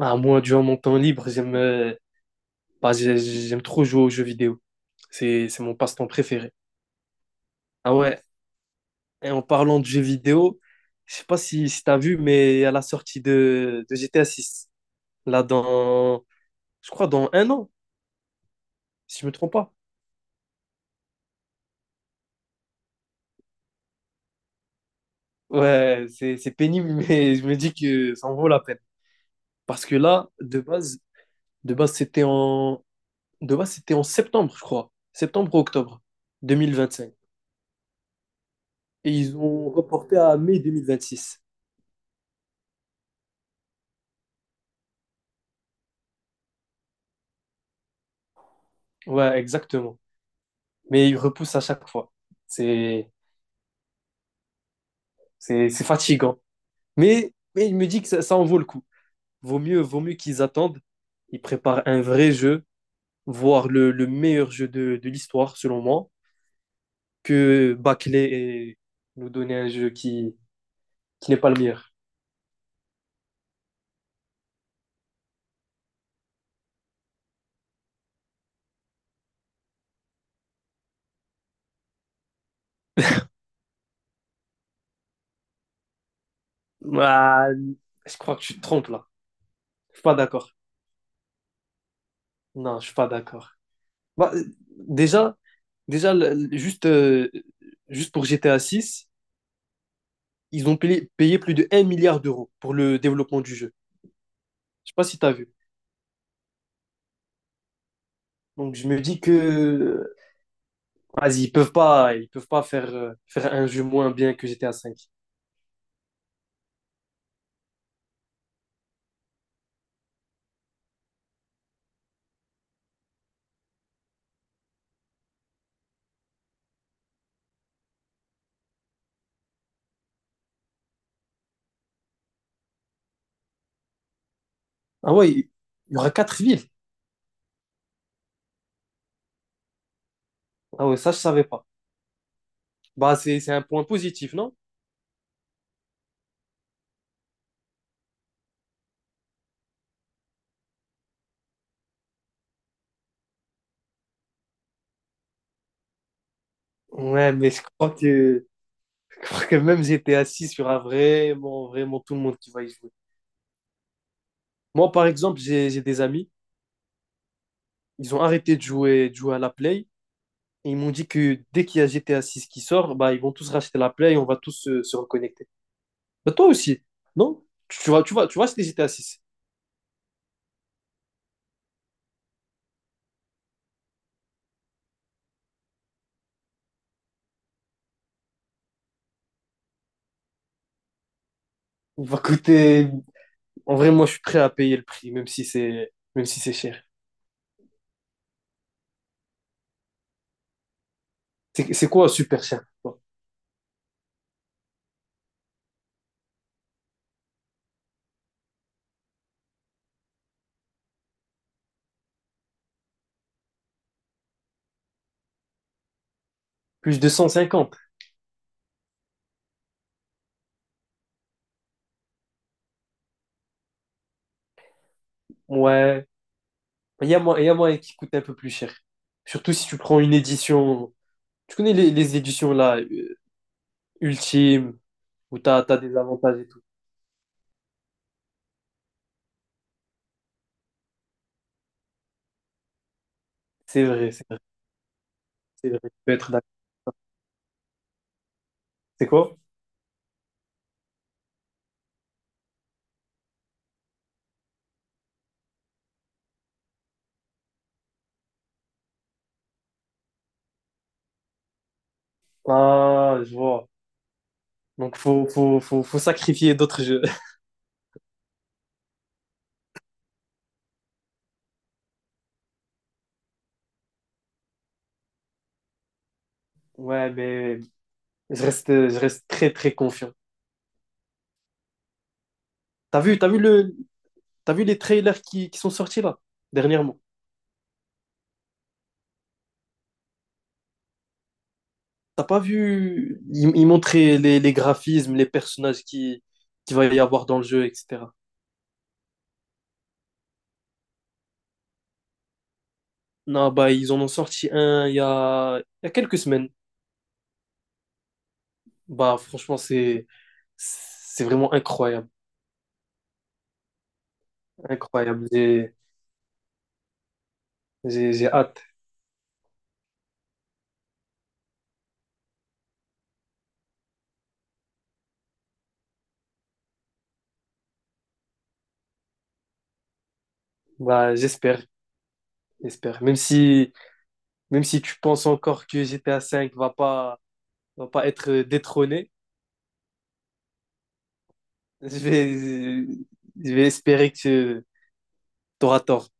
Ah, moi, durant mon temps libre, j'aime bah, j'aime trop jouer aux jeux vidéo. C'est mon passe-temps préféré. Ah ouais, et en parlant de jeux vidéo, je sais pas si t'as vu, mais à la sortie de GTA 6, là dans, je crois dans un an, si je me trompe pas. Ouais, c'est pénible, mais je me dis que ça en vaut la peine. Parce que là, de base c'était en, de base, c'était en septembre, je crois. Septembre ou octobre 2025. Et ils ont reporté à mai 2026. Ouais, exactement. Mais il repousse à chaque fois. C'est, c'est fatigant. Mais il me dit que ça en vaut le coup. Vaut mieux qu'ils attendent. Ils préparent un vrai jeu, voire le meilleur jeu de l'histoire, selon moi, que bâcler et nous donner un jeu qui n'est pas le meilleur. Ah, je crois que tu te trompes là. Je suis pas d'accord. Non, je suis pas d'accord. Bah, déjà, déjà juste, juste pour GTA 6, ils ont payé plus de 1 milliard d'euros pour le développement du jeu. Je sais pas si tu as vu. Donc je me dis que vas-y, ils peuvent pas faire un jeu moins bien que GTA 5. Ah ouais, il y aura quatre villes. Ah ouais, ça je savais pas. Bah c'est un point positif, non? Ouais, mais je crois que même GTA 6 il y aura vraiment, vraiment tout le monde qui va y jouer. Moi, par exemple, j'ai des amis, ils ont arrêté de jouer à la Play et ils m'ont dit que dès qu'il y a GTA six qui sort, bah ils vont tous racheter la Play et on va tous se reconnecter. Bah, toi aussi, non? Tu vas se hésiter à six. Il va coûter. En vrai, moi, je suis prêt à payer le prix, même si c'est cher. C'est quoi super cher pour toi? Plus de 150. Ouais. Il y a moyen qui coûte un peu plus cher. Surtout si tu prends une édition. Tu connais les éditions là, ultimes, où t'as des avantages et tout. C'est vrai, c'est vrai, c'est vrai. Tu peux être d'accord. C'est quoi? Ah, je vois. Donc, faut sacrifier d'autres jeux. Ouais, mais je reste très, très confiant. T'as vu, t'as vu le, t'as vu les trailers qui sont sortis là, dernièrement? T'as pas vu, ils montraient les graphismes, les personnages qui va y avoir dans le jeu, etc. Non, bah, ils en ont sorti un il y a quelques semaines. Bah, franchement, c'est vraiment incroyable. Incroyable. J'ai hâte. Bah, j'espère, j'espère. Même si tu penses encore que GTA 5 va pas être détrôné, je vais, je vais espérer que tu auras tort.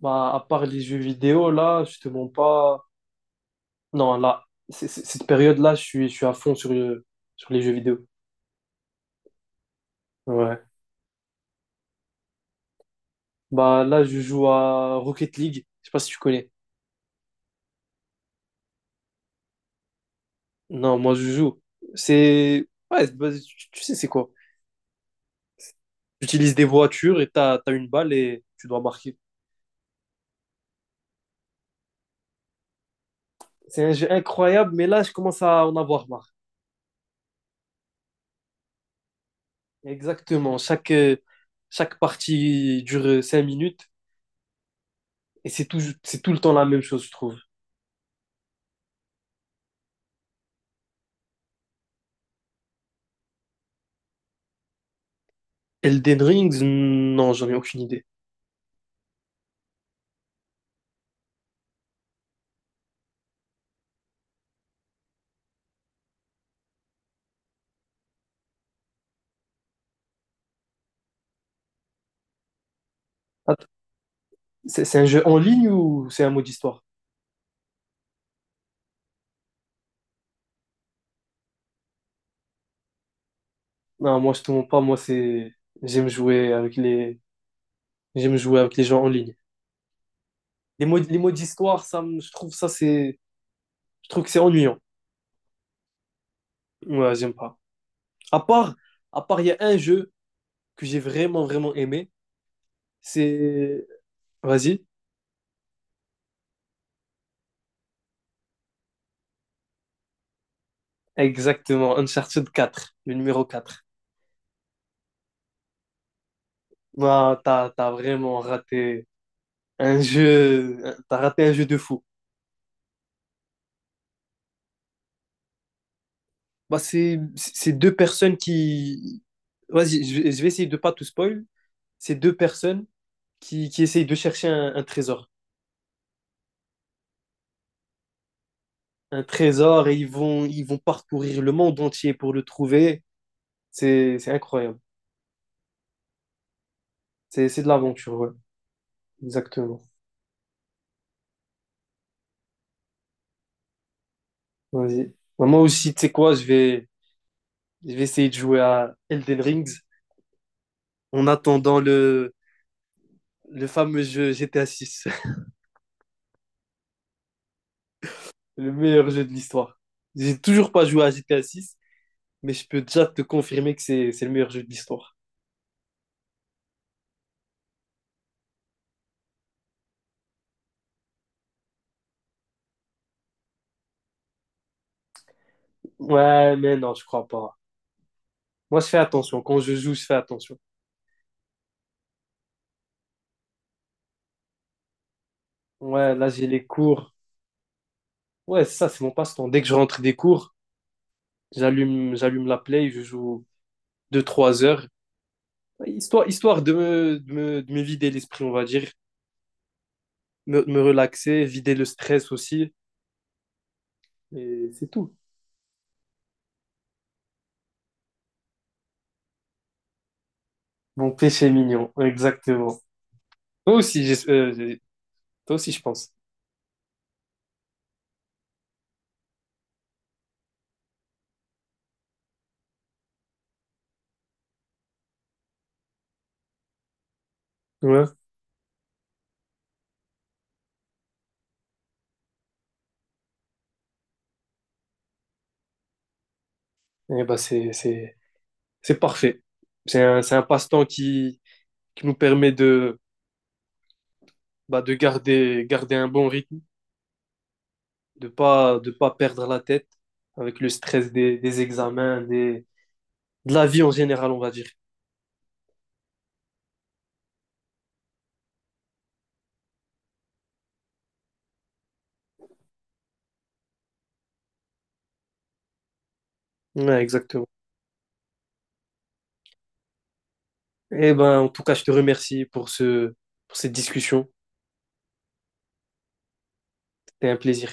Bah, à part les jeux vidéo, là, je te mens pas. Non, là, cette période-là, je suis à fond sur, sur les jeux vidéo. Ouais. Bah, là, je joue à Rocket League. Je sais pas si tu connais. Non, moi, je joue. C'est. Ouais, bah, tu sais, c'est quoi? Tu utilises des voitures et t'as une balle et tu dois marquer. C'est un jeu incroyable, mais là, je commence à en avoir marre. Exactement. Chaque partie dure 5 minutes et c'est tout le temps la même chose, je trouve. Elden Rings, non, j'en ai aucune idée. Att- c'est un jeu en ligne ou c'est un mode histoire? Non, moi je te mens pas, moi c'est j'aime jouer avec les j'aime jouer avec les gens en ligne. Les modes histoire, je trouve que c'est ennuyant. Ouais, j'aime pas. À part à part il y a un jeu que j'ai vraiment vraiment aimé, c'est vas-y, exactement Uncharted 4 le numéro 4. Non, t'as vraiment un jeu, t'as raté un jeu de fou. Bah, c'est vas-y, je vais essayer de pas tout spoil. C'est deux personnes qui essayent de chercher un trésor et ils vont parcourir le monde entier pour le trouver. C'est incroyable. C'est de l'aventure, ouais, exactement. Vas-y. Bah, moi aussi, tu sais quoi, je vais essayer de jouer à Elden Rings en attendant le fameux jeu GTA 6. Le meilleur jeu de l'histoire. J'ai toujours pas joué à GTA 6, mais je peux déjà te confirmer que c'est le meilleur jeu de l'histoire. Ouais, mais non, je crois pas. Moi, je fais attention. Quand je joue, je fais attention. Ouais, là, j'ai les cours. Ouais, c'est ça, c'est mon passe-temps. Dès que je rentre des cours, j'allume la Play, je joue deux trois heures. Histoire de me vider l'esprit, on va dire. Me relaxer, vider le stress aussi. Et c'est tout. Mon péché mignon, exactement. Toi aussi, j'es- euh, j'ai- Toi aussi, je pense. Ouais. Et ben c'est parfait. C'est un passe-temps qui nous permet bah, de garder un bon rythme, de pas perdre la tête avec le stress des examens, de la vie en général, on va dire. Ouais, exactement. Et ben, en tout cas, je te remercie pour cette discussion. C'était un plaisir.